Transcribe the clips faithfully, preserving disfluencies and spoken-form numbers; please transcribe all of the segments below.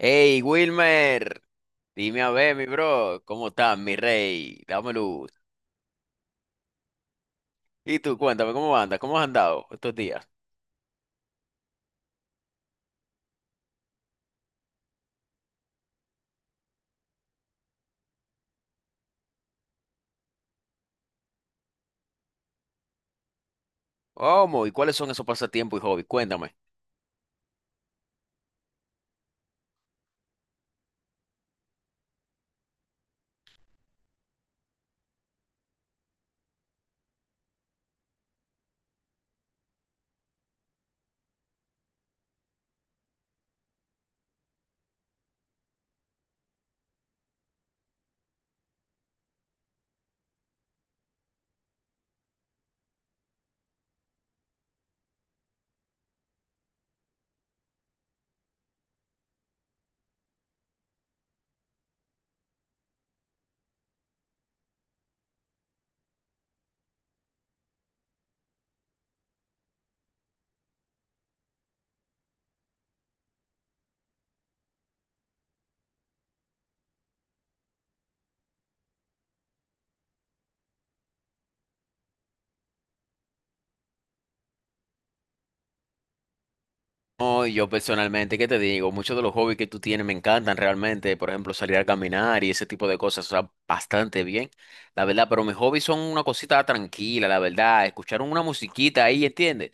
Hey, Wilmer, dime a ver, mi bro, ¿cómo estás, mi rey? Dame luz. Y tú, cuéntame, ¿cómo andas? ¿Cómo has andado estos días? ¿Cómo? ¿Y cuáles son esos pasatiempos y hobbies? Cuéntame. No, yo personalmente, ¿qué te digo? Muchos de los hobbies que tú tienes me encantan realmente, por ejemplo, salir a caminar y ese tipo de cosas, o sea, bastante bien, la verdad, pero mis hobbies son una cosita tranquila, la verdad, escuchar una musiquita ahí, ¿entiendes?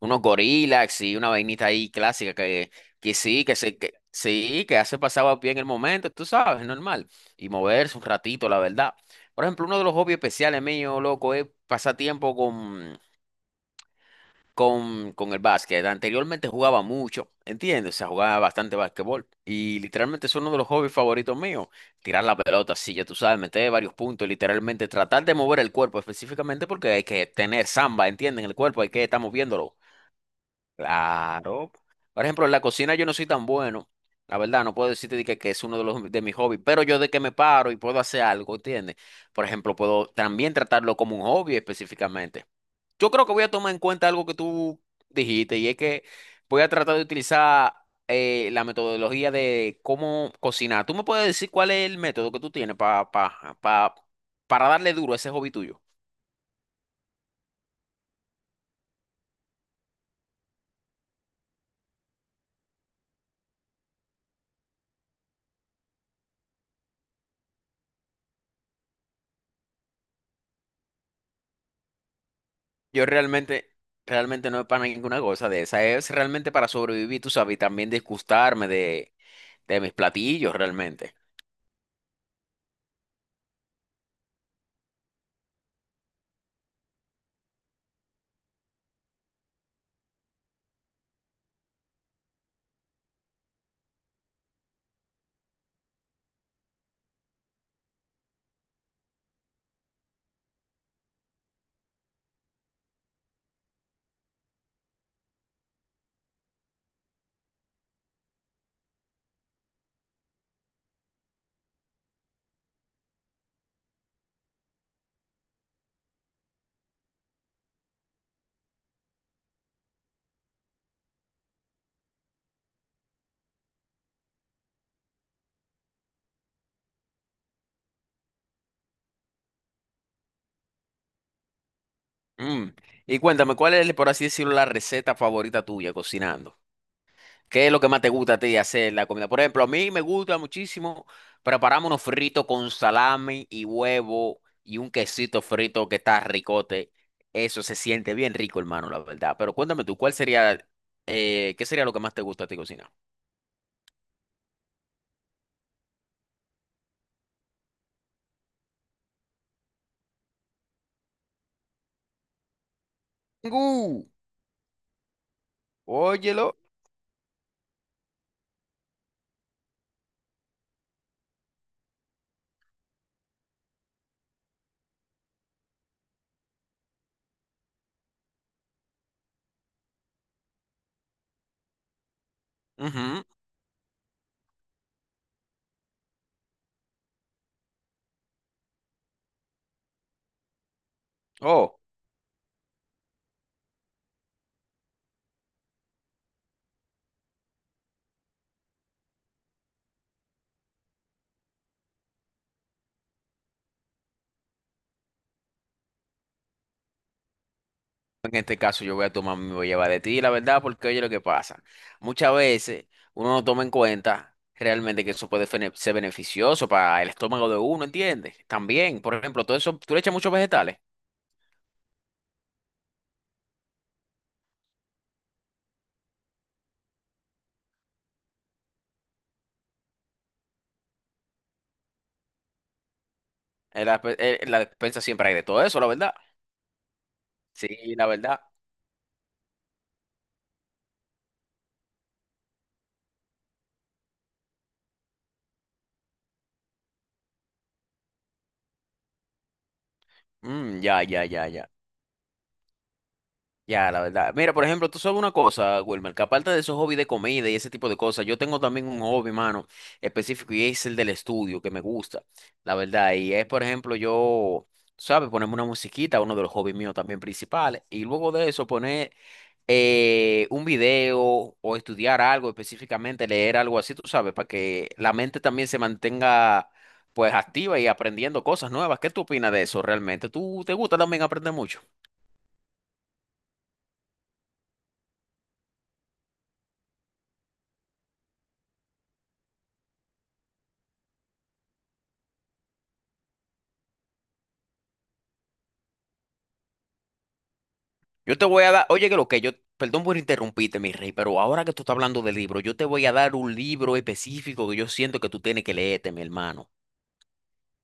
Unos gorilas y una vainita ahí clásica que, que sí, que se, que, sí, que hace pasaba bien el momento, tú sabes, normal, y moverse un ratito, la verdad. Por ejemplo, uno de los hobbies especiales míos, loco, es pasar tiempo con, con el básquet. Anteriormente jugaba mucho, ¿entiendes? O sea, jugaba bastante básquetbol. Y literalmente es uno de los hobbies favoritos míos. Tirar la pelota, sí, ya tú sabes, meter varios puntos, literalmente tratar de mover el cuerpo específicamente porque hay que tener samba, ¿entienden? El cuerpo hay que estar moviéndolo. Claro. Por ejemplo, en la cocina yo no soy tan bueno. La verdad, no puedo decirte de que, que es uno de los de mis hobbies, pero yo de que me paro y puedo hacer algo, ¿entiendes? Por ejemplo, puedo también tratarlo como un hobby específicamente. Yo creo que voy a tomar en cuenta algo que tú dijiste y es que voy a tratar de utilizar eh, la metodología de cómo cocinar. ¿Tú me puedes decir cuál es el método que tú tienes pa- pa- pa- para darle duro a ese hobby tuyo? Yo realmente, realmente no es para ninguna cosa de esa, es realmente para sobrevivir, tú sabes, y también disgustarme de, de mis platillos realmente. Mm. Y cuéntame, ¿cuál es, por así decirlo, la receta favorita tuya cocinando? ¿Qué es lo que más te gusta a ti hacer la comida? Por ejemplo, a mí me gusta muchísimo prepararme unos fritos con salami y huevo y un quesito frito que está ricote. Eso se siente bien rico, hermano, la verdad. Pero cuéntame tú, ¿cuál sería, eh, qué sería lo que más te gusta a ti cocinar? Tengu, óyelo. Ujú. Oh. En este caso yo voy a tomar mi llevar de ti, la verdad, porque oye lo que pasa. Muchas veces uno no toma en cuenta realmente que eso puede fene- ser beneficioso para el estómago de uno, ¿entiendes? También, por ejemplo, todo eso, tú le echas muchos vegetales. En la, pe- en la despensa siempre hay de todo eso, la verdad. Sí, la verdad. Mm, ya, ya, ya, ya. Ya, la verdad. Mira, por ejemplo, tú sabes una cosa, Wilmer, que aparte de esos hobbies de comida y ese tipo de cosas, yo tengo también un hobby, mano, específico y es el del estudio, que me gusta, la verdad. Y es, por ejemplo, yo, ¿sabes? Ponerme una musiquita, uno de los hobbies míos también principales. Y luego de eso, poner eh, un video o estudiar algo específicamente, leer algo así, tú sabes, para que la mente también se mantenga, pues, activa y aprendiendo cosas nuevas. ¿Qué tú opinas de eso realmente? ¿Tú te gusta también aprender mucho? Yo te voy a dar, oye, que lo que yo, perdón por interrumpirte, mi rey, pero ahora que tú estás hablando de libro, yo te voy a dar un libro específico que yo siento que tú tienes que leerte, mi hermano.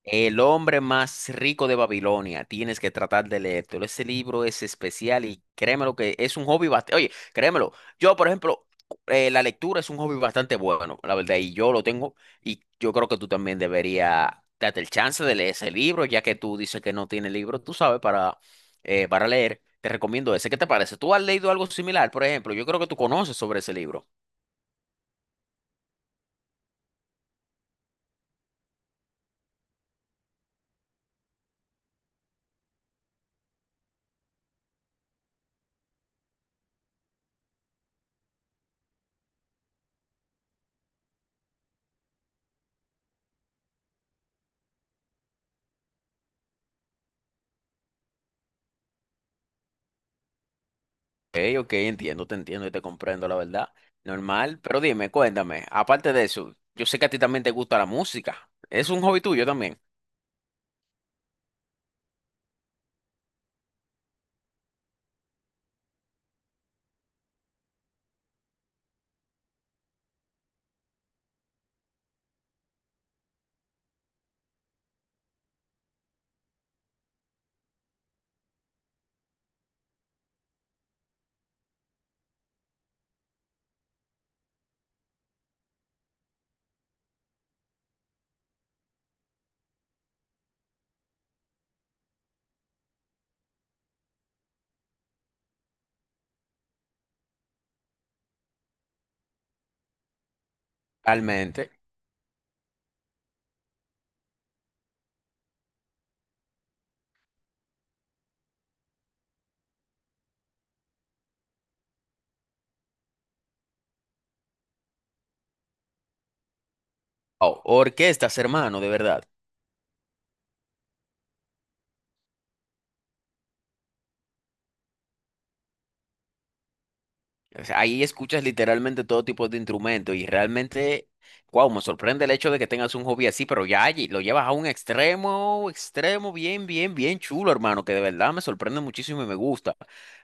El hombre más rico de Babilonia, tienes que tratar de leértelo. Ese libro es especial y créemelo que es un hobby bastante. Oye, créemelo, yo, por ejemplo, eh, la lectura es un hobby bastante bueno, la verdad, y yo lo tengo. Y yo creo que tú también deberías darte el chance de leer ese libro, ya que tú dices que no tienes libro, tú sabes, para, eh, para leer. Te recomiendo ese. ¿Qué te parece? ¿Tú has leído algo similar, por ejemplo? Yo creo que tú conoces sobre ese libro. Ok, ok, entiendo, te entiendo y te comprendo, la verdad. Normal, pero dime, cuéntame, aparte de eso, yo sé que a ti también te gusta la música. Es un hobby tuyo también. Realmente. Oh, orquestas, hermano, de verdad. O sea, ahí escuchas literalmente todo tipo de instrumentos y realmente, wow, me sorprende el hecho de que tengas un hobby así, pero ya allí lo llevas a un extremo, extremo, bien, bien, bien chulo, hermano, que de verdad me sorprende muchísimo y me gusta,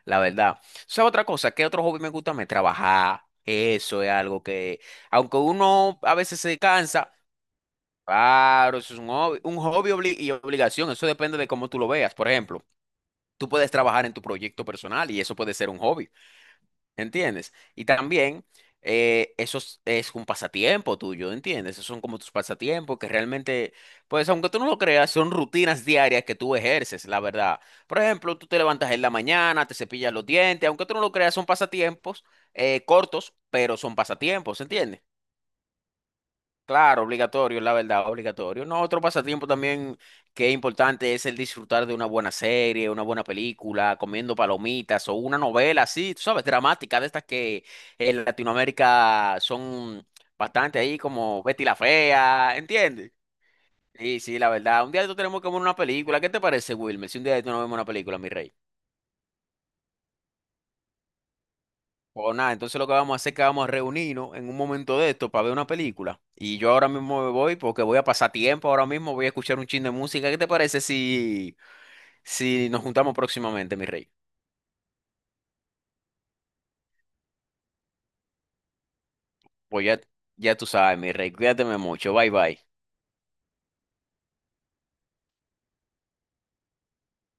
la verdad. ¿Sabes otra cosa? ¿Qué otro hobby me gusta? Me trabajar. Eso es algo que, aunque uno a veces se cansa, claro, eso es un hobby, un hobby obli- y obligación, eso depende de cómo tú lo veas. Por ejemplo, tú puedes trabajar en tu proyecto personal y eso puede ser un hobby. ¿Entiendes? Y también eh, eso es, es un pasatiempo tuyo, ¿entiendes? Esos son como tus pasatiempos que realmente, pues aunque tú no lo creas, son rutinas diarias que tú ejerces, la verdad. Por ejemplo, tú te levantas en la mañana, te cepillas los dientes, aunque tú no lo creas, son pasatiempos eh, cortos, pero son pasatiempos, ¿entiendes? Claro, obligatorio, la verdad, obligatorio. No, otro pasatiempo también que es importante es el disfrutar de una buena serie, una buena película, comiendo palomitas o una novela así, tú sabes, dramática, de estas que en Latinoamérica son bastante ahí, como Betty la Fea, ¿entiendes? Sí, sí, la verdad. Un día de estos tenemos que ver una película. ¿Qué te parece, Wilmer? Si un día de estos no vemos una película, mi rey. Pues nada, entonces lo que vamos a hacer es que vamos a reunirnos en un momento de esto para ver una película. Y yo ahora mismo me voy porque voy a pasar tiempo, ahora mismo voy a escuchar un chin de música. ¿Qué te parece si, si nos juntamos próximamente, mi rey? Pues ya, ya tú sabes, mi rey, cuídate mucho, bye bye.